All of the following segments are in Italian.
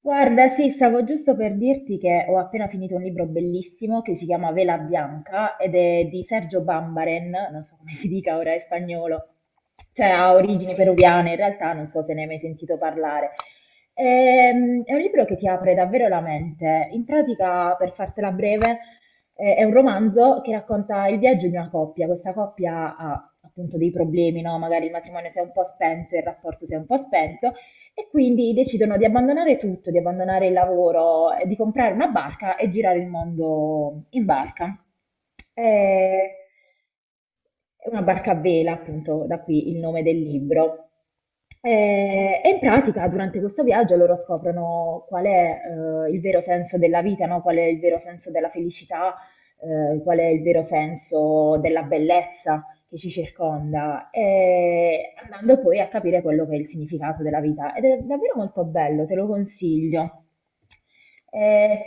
Guarda, sì, stavo giusto per dirti che ho appena finito un libro bellissimo che si chiama Vela Bianca ed è di Sergio Bambaren, non so come si dica ora in spagnolo, cioè ha origini peruviane, in realtà non so se ne hai mai sentito parlare. È un libro che ti apre davvero la mente. In pratica, per fartela breve, è un romanzo che racconta il viaggio di una coppia. Questa coppia ha appunto dei problemi, no? Magari il matrimonio si è un po' spento, il rapporto si è un po' spento. E quindi decidono di abbandonare tutto, di abbandonare il lavoro, di comprare una barca e girare il mondo in barca. Eh, È una barca a vela, appunto, da qui il nome del libro. E in pratica, durante questo viaggio, loro scoprono qual è il vero senso della vita, no? Qual è il vero senso della felicità, qual è il vero senso della bellezza che ci circonda, e andando poi a capire quello che è il significato della vita. Ed è davvero molto bello, te lo consiglio. Eh,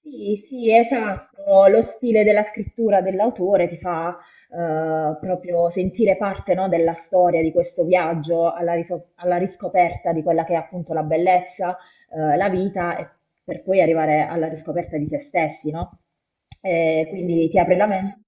sì, sì, esatto, lo stile della scrittura dell'autore ti fa proprio sentire parte, no, della storia di questo viaggio alla riscoperta di quella che è appunto la bellezza, la vita e per poi arrivare alla riscoperta di se stessi, no? Quindi ti apre la mente.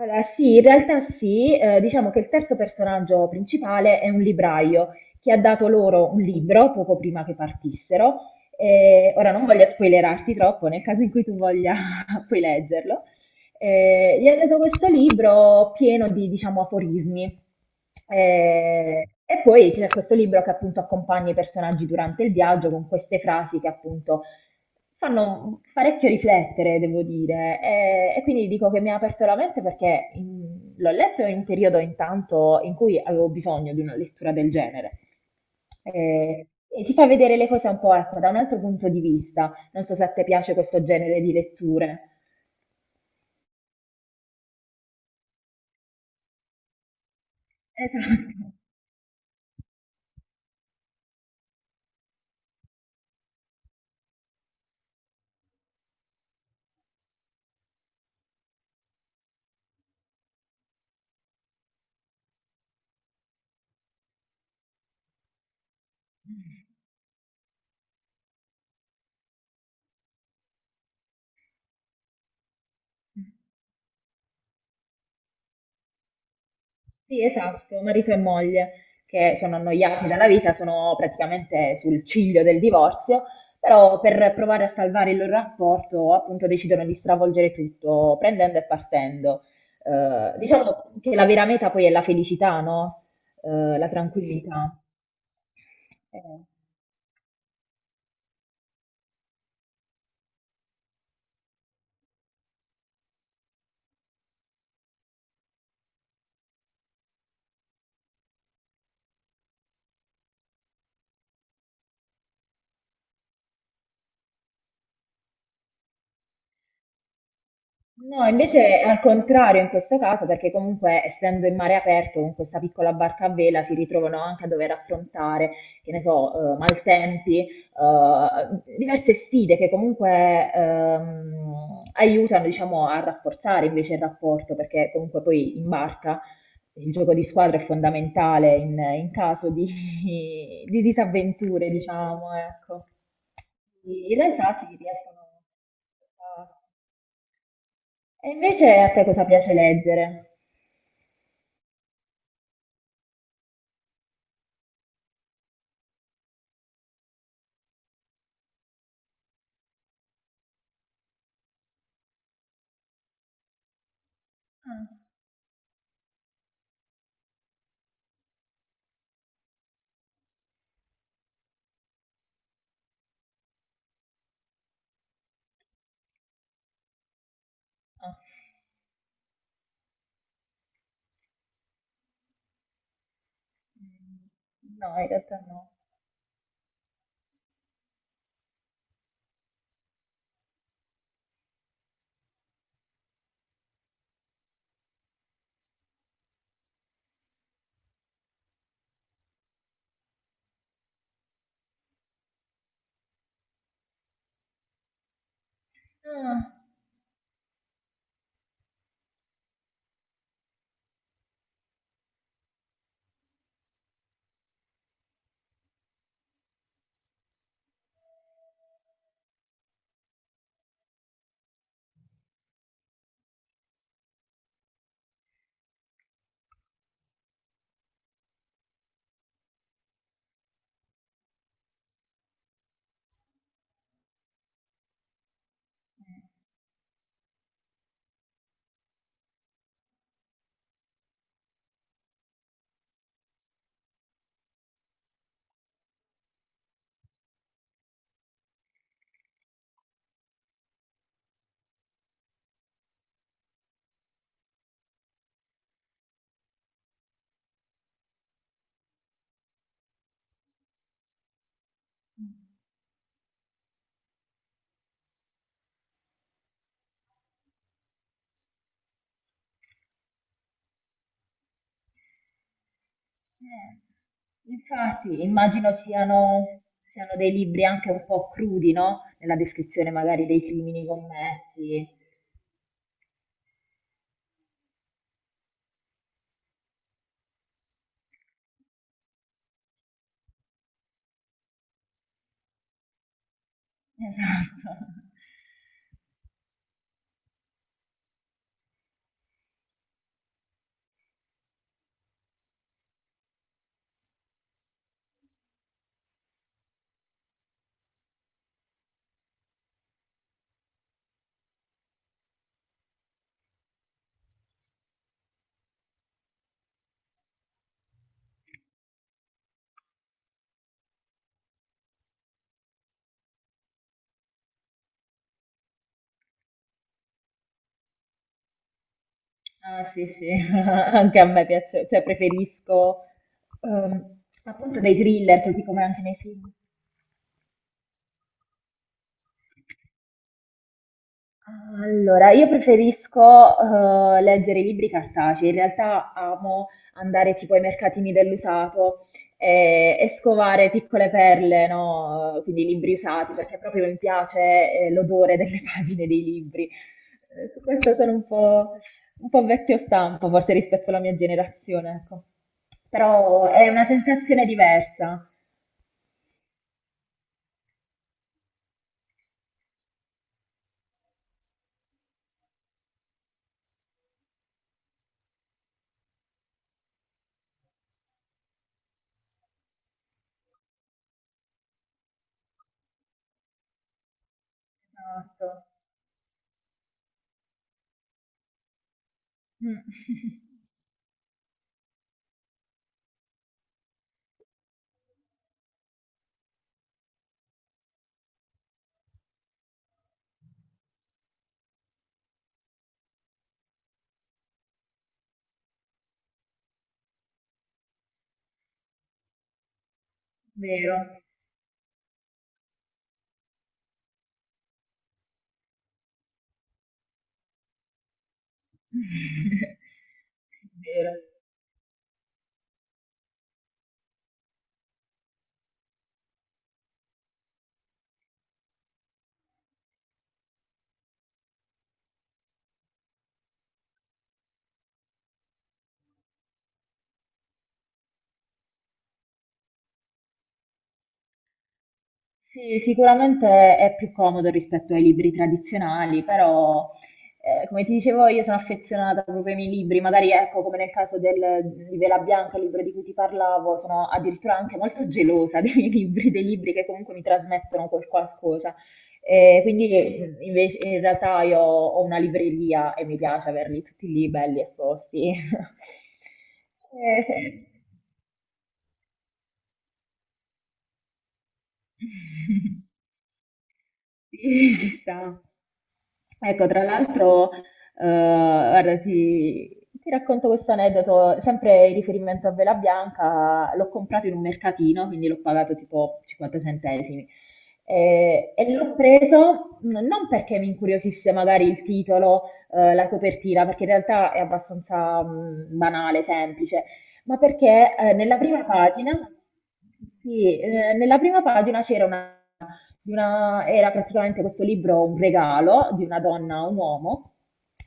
Allora, sì, in realtà sì, diciamo che il terzo personaggio principale è un libraio che ha dato loro un libro poco prima che partissero. Ora non voglio spoilerarti troppo, nel caso in cui tu voglia puoi leggerlo. Gli ha dato questo libro pieno di, diciamo, aforismi. E poi c'è questo libro che appunto accompagna i personaggi durante il viaggio con queste frasi che appunto fanno parecchio riflettere, devo dire, e quindi dico che mi ha aperto la mente perché l'ho letto in un periodo intanto in cui avevo bisogno di una lettura del genere. E ti fa vedere le cose un po', ecco, da un altro punto di vista. Non so se a te piace questo genere di letture. Esatto. Sì, esatto, marito e moglie che sono annoiati dalla vita, sono praticamente sul ciglio del divorzio, però per provare a salvare il loro rapporto, appunto, decidono di stravolgere tutto, prendendo e partendo. Diciamo che la vera meta poi è la felicità, no? La sì, tranquillità. Eh. No, invece è al contrario in questo caso, perché comunque essendo in mare aperto con questa piccola barca a vela si ritrovano anche a dover affrontare, che ne so, maltempi, diverse sfide che comunque aiutano, diciamo, a rafforzare invece il rapporto, perché comunque poi in barca il gioco di squadra è fondamentale in caso di, di disavventure, sì, sì, diciamo, ecco. In realtà si riescono a. E invece a te cosa piace leggere? Ah, ah, mm, no, in realtà no. Ah, eh, Infatti, immagino siano, dei libri anche un po' crudi, no? Nella descrizione magari dei crimini commessi. Esatto. Ah, sì, sì, anche a me piace, cioè preferisco ehm, appunto dei thriller, così come anche nei film. Allora, io preferisco leggere i libri cartacei, in realtà amo andare tipo ai mercatini dell'usato e scovare piccole perle, no? Quindi libri usati, perché proprio mi piace l'odore delle pagine dei libri. Su questo sono un po' vecchio stampo, forse rispetto alla mia generazione, ecco. Però è una sensazione diversa. Esatto. Mm. Vero. Vero. Sì, sicuramente è più comodo rispetto ai libri tradizionali, però come ti dicevo io sono affezionata proprio ai miei libri, magari ecco come nel caso di Vela Bianca, il libro di cui ti parlavo, sono addirittura anche molto gelosa dei miei libri, dei libri che comunque mi trasmettono quel qualcosa. Quindi invece in realtà io ho una libreria e mi piace averli tutti lì belli esposti. Eh, sì, ci sta. Ecco, tra l'altro, guarda, ti racconto questo aneddoto, sempre in riferimento a Vela Bianca, l'ho comprato in un mercatino, quindi l'ho pagato tipo 50 centesimi e l'ho preso non perché mi incuriosisse magari il titolo, la copertina, perché in realtà è abbastanza banale, semplice, ma perché nella prima pagina, sì, nella prima pagina c'era una di una- era praticamente questo libro un regalo di una donna a un uomo.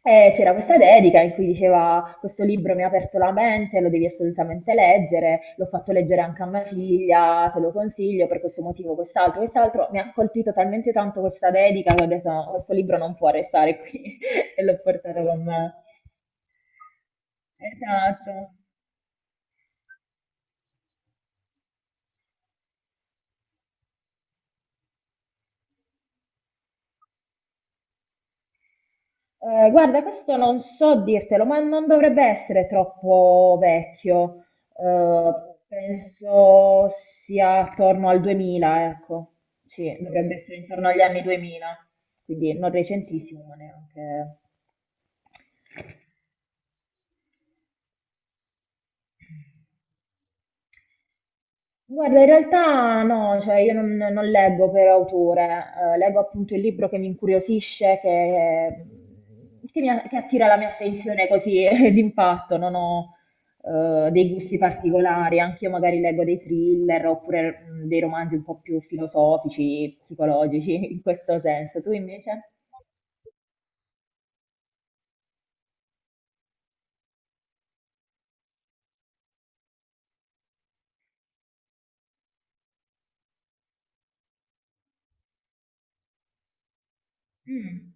E c'era questa dedica in cui diceva: questo libro mi ha aperto la mente, lo devi assolutamente leggere. L'ho fatto leggere anche a mia figlia, te lo consiglio per questo motivo, quest'altro, quest'altro. Mi ha colpito talmente tanto questa dedica che ho detto: "No, questo libro non può restare qui", e l'ho portato con me. Esatto. Guarda, questo non so dirtelo, ma non dovrebbe essere troppo vecchio. Eh, penso sia attorno al 2000, ecco. Sì, dovrebbe essere intorno agli anni 2000, quindi non recentissimo ma neanche. Guarda, in realtà no, cioè io non, non leggo per autore, leggo appunto il libro che mi incuriosisce, eh, che attira la mia attenzione così d'impatto, non ho dei gusti particolari, anche io magari leggo dei thriller oppure dei romanzi un po' più filosofici, psicologici, in questo senso. Tu invece? Mm.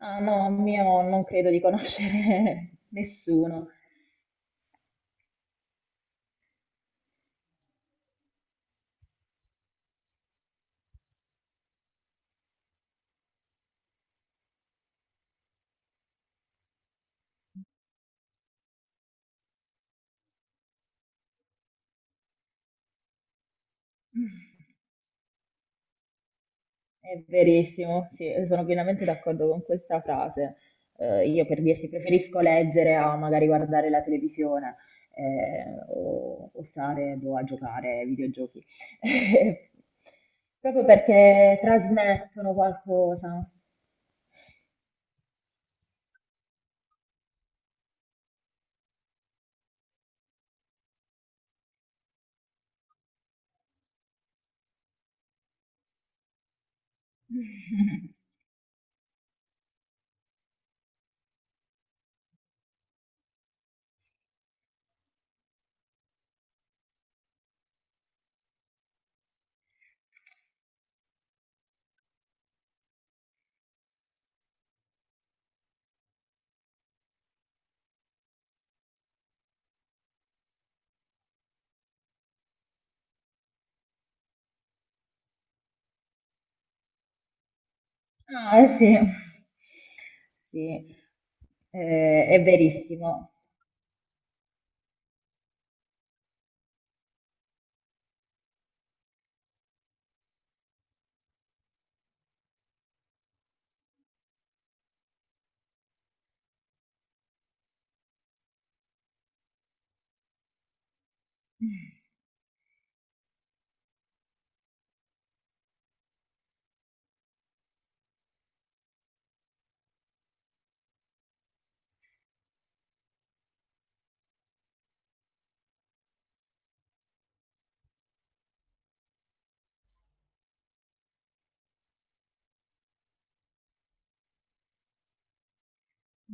Ah no, mio non credo di conoscere nessuno. È verissimo, sì, sono pienamente d'accordo con questa frase. Io per dirti preferisco leggere a magari guardare la televisione o, stare boh, a giocare ai videogiochi. Proprio perché trasmettono qualcosa. Ah, eh sì, sì, è verissimo.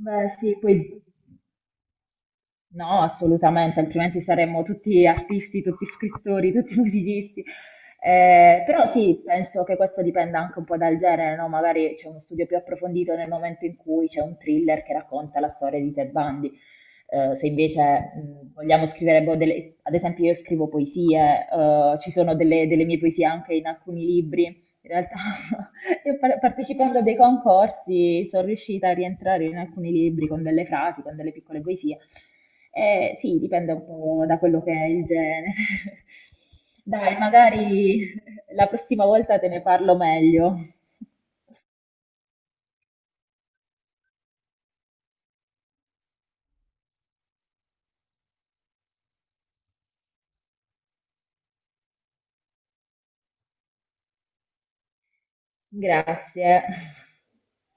Beh, sì, poi. No, assolutamente, altrimenti saremmo tutti artisti, tutti scrittori, tutti musicisti. Però sì, penso che questo dipenda anche un po' dal genere, no? Magari c'è uno studio più approfondito nel momento in cui c'è un thriller che racconta la storia di Ted Bundy. Se invece vogliamo scrivere, boh, ad esempio io scrivo poesie, ci sono delle mie poesie anche in alcuni libri, in realtà, io partecipando a dei concorsi sono riuscita a rientrare in alcuni libri con delle frasi, con delle piccole poesie. Sì, dipende un po' da quello che è il genere. Dai, magari la prossima volta te ne parlo meglio. Grazie.